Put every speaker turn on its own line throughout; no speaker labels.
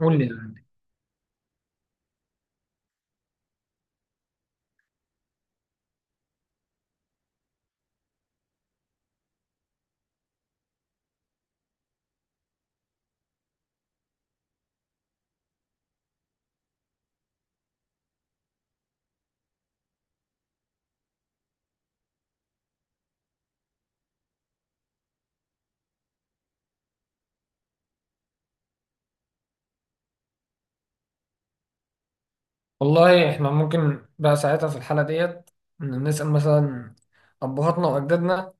قول لي اللي عندك. والله احنا ممكن بقى ساعتها في الحالة ديت، نسأل مثلا أبهاتنا وأجدادنا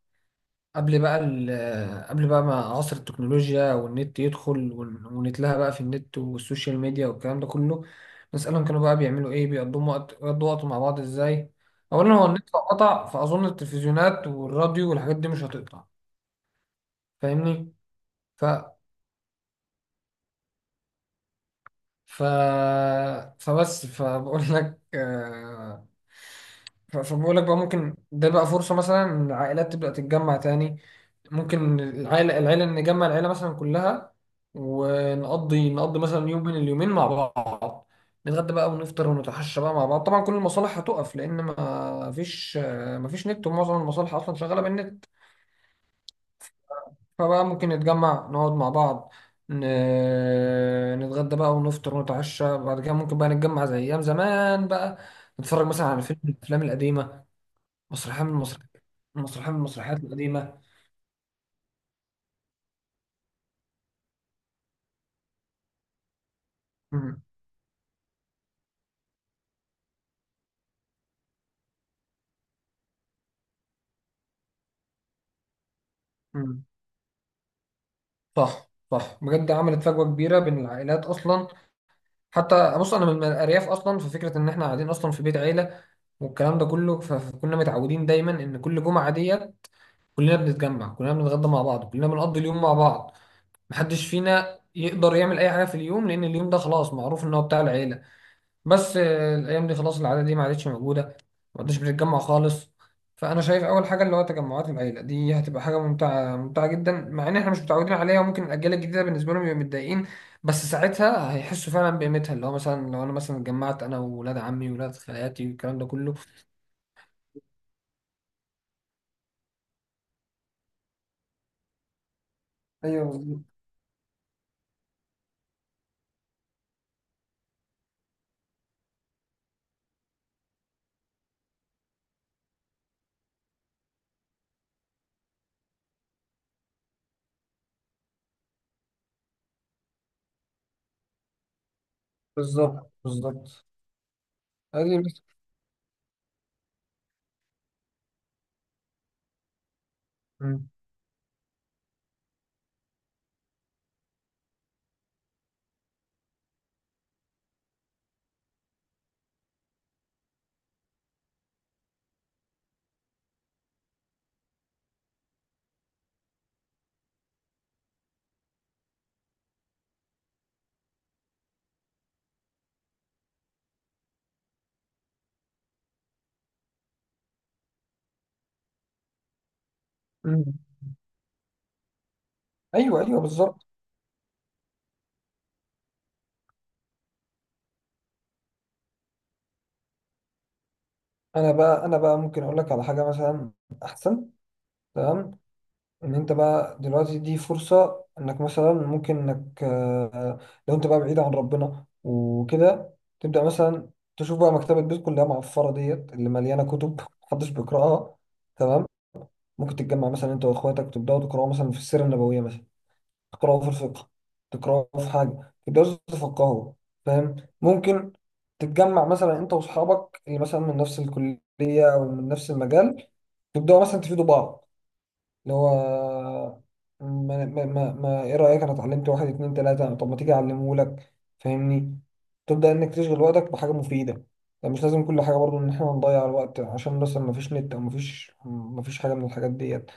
قبل بقى قبل بقى ما عصر التكنولوجيا والنت يدخل ونتلهى بقى في النت والسوشيال ميديا والكلام ده كله. نسألهم كانوا بقى بيعملوا إيه، بيقضوا وقت مع بعض إزاي؟ أولا هو النت لو قطع فأظن التلفزيونات والراديو والحاجات دي مش هتقطع، فاهمني؟ ف... فبس فبقول لك آه، ف- فبقول لك بقى ممكن ده بقى فرصة مثلا إن العائلات تبدأ تتجمع تاني. ممكن العائلة نجمع العائلة مثلا كلها، ونقضي مثلا يوم من اليومين مع بعض، نتغدى بقى ونفطر ونتعشى بقى مع بعض. طبعا كل المصالح هتقف لأن ما فيش نت، ومعظم المصالح أصلا شغالة بالنت. فبقى ممكن نتجمع نقعد مع بعض، نتغدى بقى ونفطر ونتعشى. بعد كده ممكن بقى نتجمع زي أيام زمان بقى، نتفرج مثلا على فيلم من الأفلام القديمة، مسرحية من المسرحيات مسرحية من المسرحيات القديمة. مم. مم. صح صح، بجد عملت فجوة كبيرة بين العائلات أصلا. حتى بص، أنا من الأرياف أصلا، ففكرة إن إحنا قاعدين أصلا في بيت عيلة والكلام ده كله، فكنا متعودين دايما إن كل جمعة ديت كلنا بنتجمع، كلنا بنتغدى مع بعض، كلنا بنقضي اليوم مع بعض. محدش فينا يقدر يعمل اي حاجه في اليوم، لان اليوم ده خلاص معروف ان هو بتاع العيله. بس الايام دي خلاص العاده دي ما عادتش موجوده، ما عادش بنتجمع خالص. فانا شايف اول حاجه اللي هو تجمعات العيله دي هتبقى حاجه ممتعه، ممتعه جدا، مع ان احنا مش متعودين عليها، وممكن الاجيال الجديده بالنسبه لهم يبقوا متضايقين. بس ساعتها هيحسوا فعلا بقيمتها، اللي هو مثلا لو انا مثلا اتجمعت انا وولاد عمي وولاد خالاتي والكلام ده كله. ايوه، بالظبط. بالظبط. بالظبط. أيوة. مم. مم. ايوه ايوه، بالظبط. انا بقى ممكن اقول لك على حاجه مثلا احسن. تمام. ان انت بقى دلوقتي دي فرصه انك مثلا ممكن انك لو انت بقى بعيد عن ربنا وكده، تبدا مثلا تشوف بقى مكتبه بيت كلها معفره ديت اللي مليانه كتب محدش بيقراها. تمام. ممكن تتجمع مثلا انت واخواتك تبداوا تقراوا مثلا في السيره النبويه مثلا، تقرأه في الفقه، تقرأه في حاجة تقدروا تتفقهوا. فاهم؟ ممكن تتجمع مثلا انت واصحابك اللي مثلا من نفس الكلية او من نفس المجال، تبدأوا مثلا تفيدوا بعض، اللي هو ما, ما, ما, ما ايه رأيك، انا اتعلمت واحد اتنين تلاتة، طب ما تيجي اعلمه لك. فاهمني؟ تبدأ انك تشغل وقتك بحاجة مفيدة. يعني مش لازم كل حاجة برضو ان احنا نضيع الوقت عشان مثلا ما فيش نت، او ما فيش حاجة من الحاجات ديت،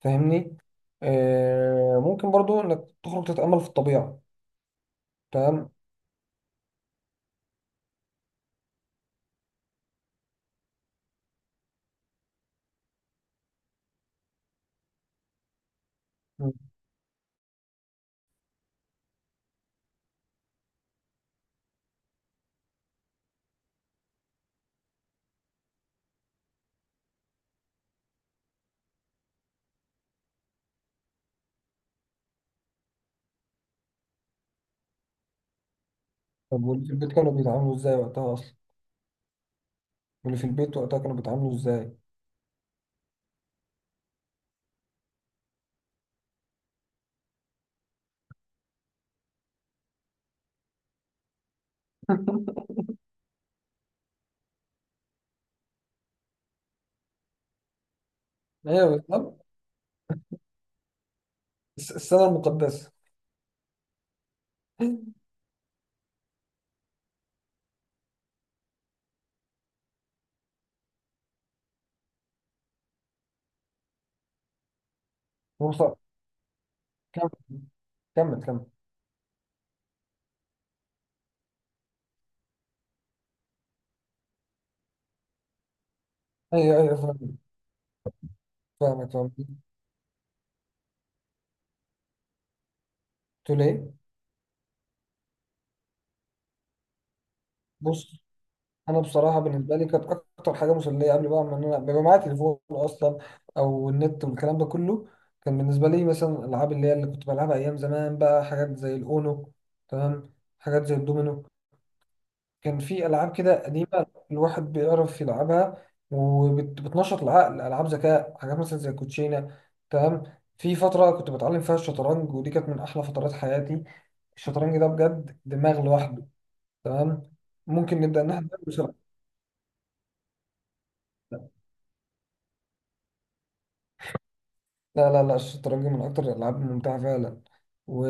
فاهمني؟ ممكن برضو انك تخرج تتأمل في الطبيعة. تمام. مم. طب واللي في البيت كانوا بيتعاملوا ازاي وقتها اصلا؟ واللي في البيت وقتها كانوا بيتعاملوا ازاي؟ ايوه، بالظبط. السنة المقدسة. بص، كمل. كمل كمل. ايوه ايوه، فاهمك. فاهمك فاهمك. قلت له ايه؟ بص. انا بصراحه بالنسبه لي كانت اكتر حاجه مسليه قبل بقى ما انا بيبقى معايا تليفون اصلا او النت والكلام ده كله، كان بالنسبه لي مثلا الالعاب اللي هي اللي كنت بلعبها ايام زمان بقى، حاجات زي الاونو. تمام. حاجات زي الدومينو. كان في العاب كده قديمه الواحد بيعرف يلعبها وبتنشط العقل، العاب ذكاء، حاجات مثلا زي الكوتشينه. تمام. في فتره كنت بتعلم فيها الشطرنج، ودي كانت من احلى فترات حياتي. الشطرنج ده بجد دماغ لوحده. تمام. ممكن نبدا ان احنا نعمل. لا لا لا، الشطرنج من أكتر الألعاب الممتعة فعلا. و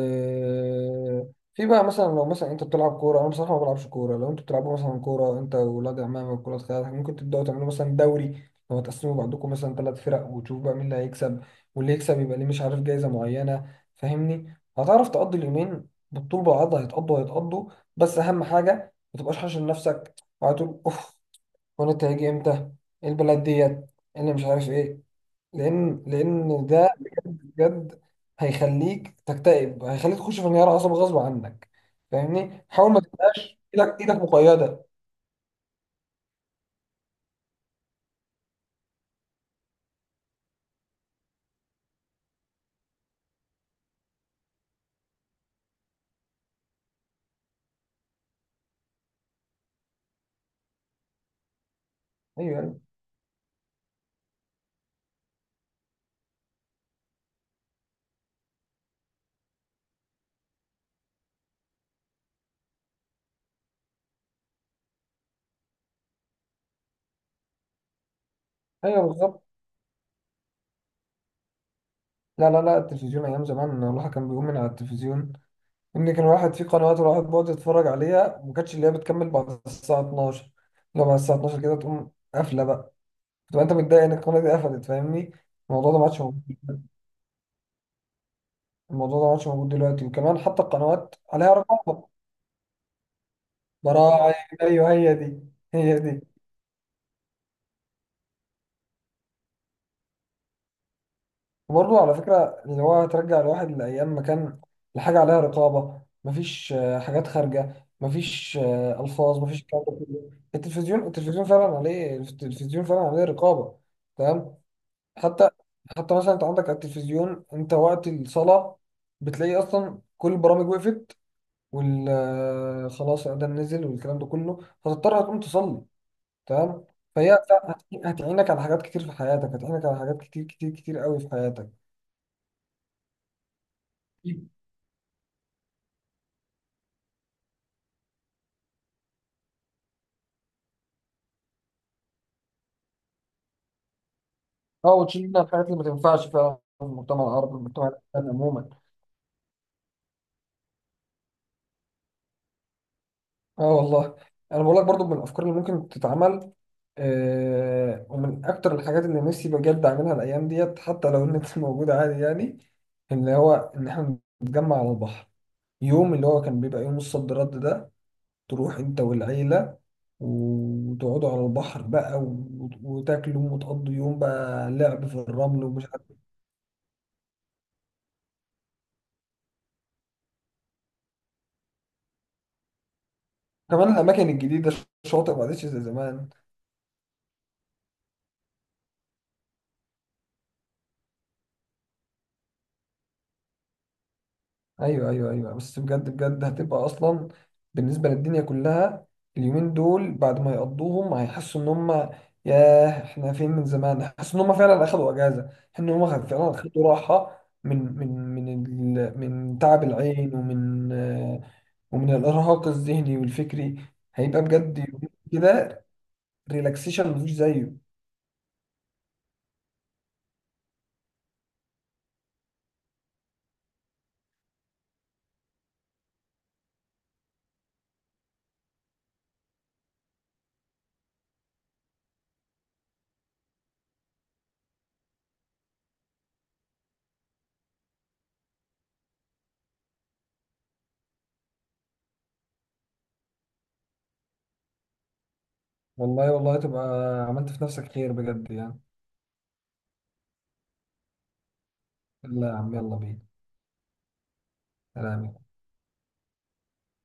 في بقى مثلا، لو مثلا أنت بتلعب كورة، أنا بصراحة ما بلعبش كورة، لو أنتوا بتلعبوا مثلا كورة أنت وولاد عمامك وولاد خالاتك، ممكن تبدأوا تعملوا مثلا دوري. لو هتقسموا بعضكم مثلا 3 فرق وتشوف بقى مين اللي هيكسب، واللي يكسب يبقى ليه مش عارف جايزة معينة. فاهمني؟ هتعرف تقضي اليومين بالطول بالعرض، هيتقضوا هيتقضوا. بس أهم حاجة ما تبقاش حاشر نفسك، وهتقول أوف، وأنا هيجي إمتى، إيه البلد ديت، إيه اللي مش عارف إيه. لان ده بجد بجد هيخليك تكتئب، هيخليك تخش في انهيار عصبي غصب عنك. فاهمني؟ حاول ما تبقاش ايدك مقيده. ايوه ايوه. أيوة. بالظبط. لا لا لا، التلفزيون ايام زمان الواحد كان بيقوم من على التلفزيون، ان كان الواحد في قنوات الواحد بيقعد يتفرج عليها، وما كانتش اللي هي بتكمل بعد الساعه 12. لو بعد الساعه 12 كده تقوم قافله بقى، تبقى انت متضايق ان القناه دي قفلت. فاهمني؟ الموضوع ده ما عادش موجود الموضوع ده ما عادش موجود دلوقتي، وكمان حتى القنوات عليها رقابه. براعم. ايوه، هي دي. هي دي. وبرضه على فكره اللي هو ترجع الواحد لايام ما كان الحاجه عليها رقابه، مفيش حاجات خارجه، مفيش الفاظ، مفيش الكلام ده كله. التلفزيون فعلا عليه رقابه. تمام. حتى حتى مثلا انت عندك على التلفزيون انت وقت الصلاه، بتلاقي اصلا كل البرامج وقفت، وال آه، خلاص الاذان نزل والكلام ده كله، فتضطر هتقوم تصلي. تمام. فهي هتعينك على حاجات كتير في حياتك، هتعينك على حاجات كتير كتير كتير قوي في حياتك. اه، وتشيل منها الحاجات اللي ما تنفعش فعلا في المجتمع العربي المجتمع الإسلامي عموما. اه والله. انا بقول لك برضو من الافكار اللي ممكن تتعمل، ومن اكتر الحاجات اللي نفسي بجد اعملها الايام ديت، حتى لو النت موجود عادي يعني، اللي هو ان احنا نتجمع على البحر، يوم اللي هو كان بيبقى يوم الصد رد ده، تروح انت والعيلة وتقعدوا على البحر بقى، وتاكلوا وتقضوا يوم بقى لعب في الرمل ومش عارف إيه. كمان الأماكن الجديدة، الشاطئ ما عادش زي زمان. أيوه أيوه أيوه، بس بجد بجد هتبقى أصلا بالنسبة للدنيا كلها، اليومين دول بعد ما يقضوهم هيحسوا إن هم ياه إحنا فين من زمان، هيحسوا إن هم فعلا أخدوا أجازة، إن هم فعلا أخدوا راحة من تعب العين، ومن الارهاق الذهني والفكري. هيبقى بجد يومين كده، ريلاكسيشن مفيش زيه. والله والله تبقى عملت في نفسك خير بجد يعني. لا يا عم، يلا بينا. سلام.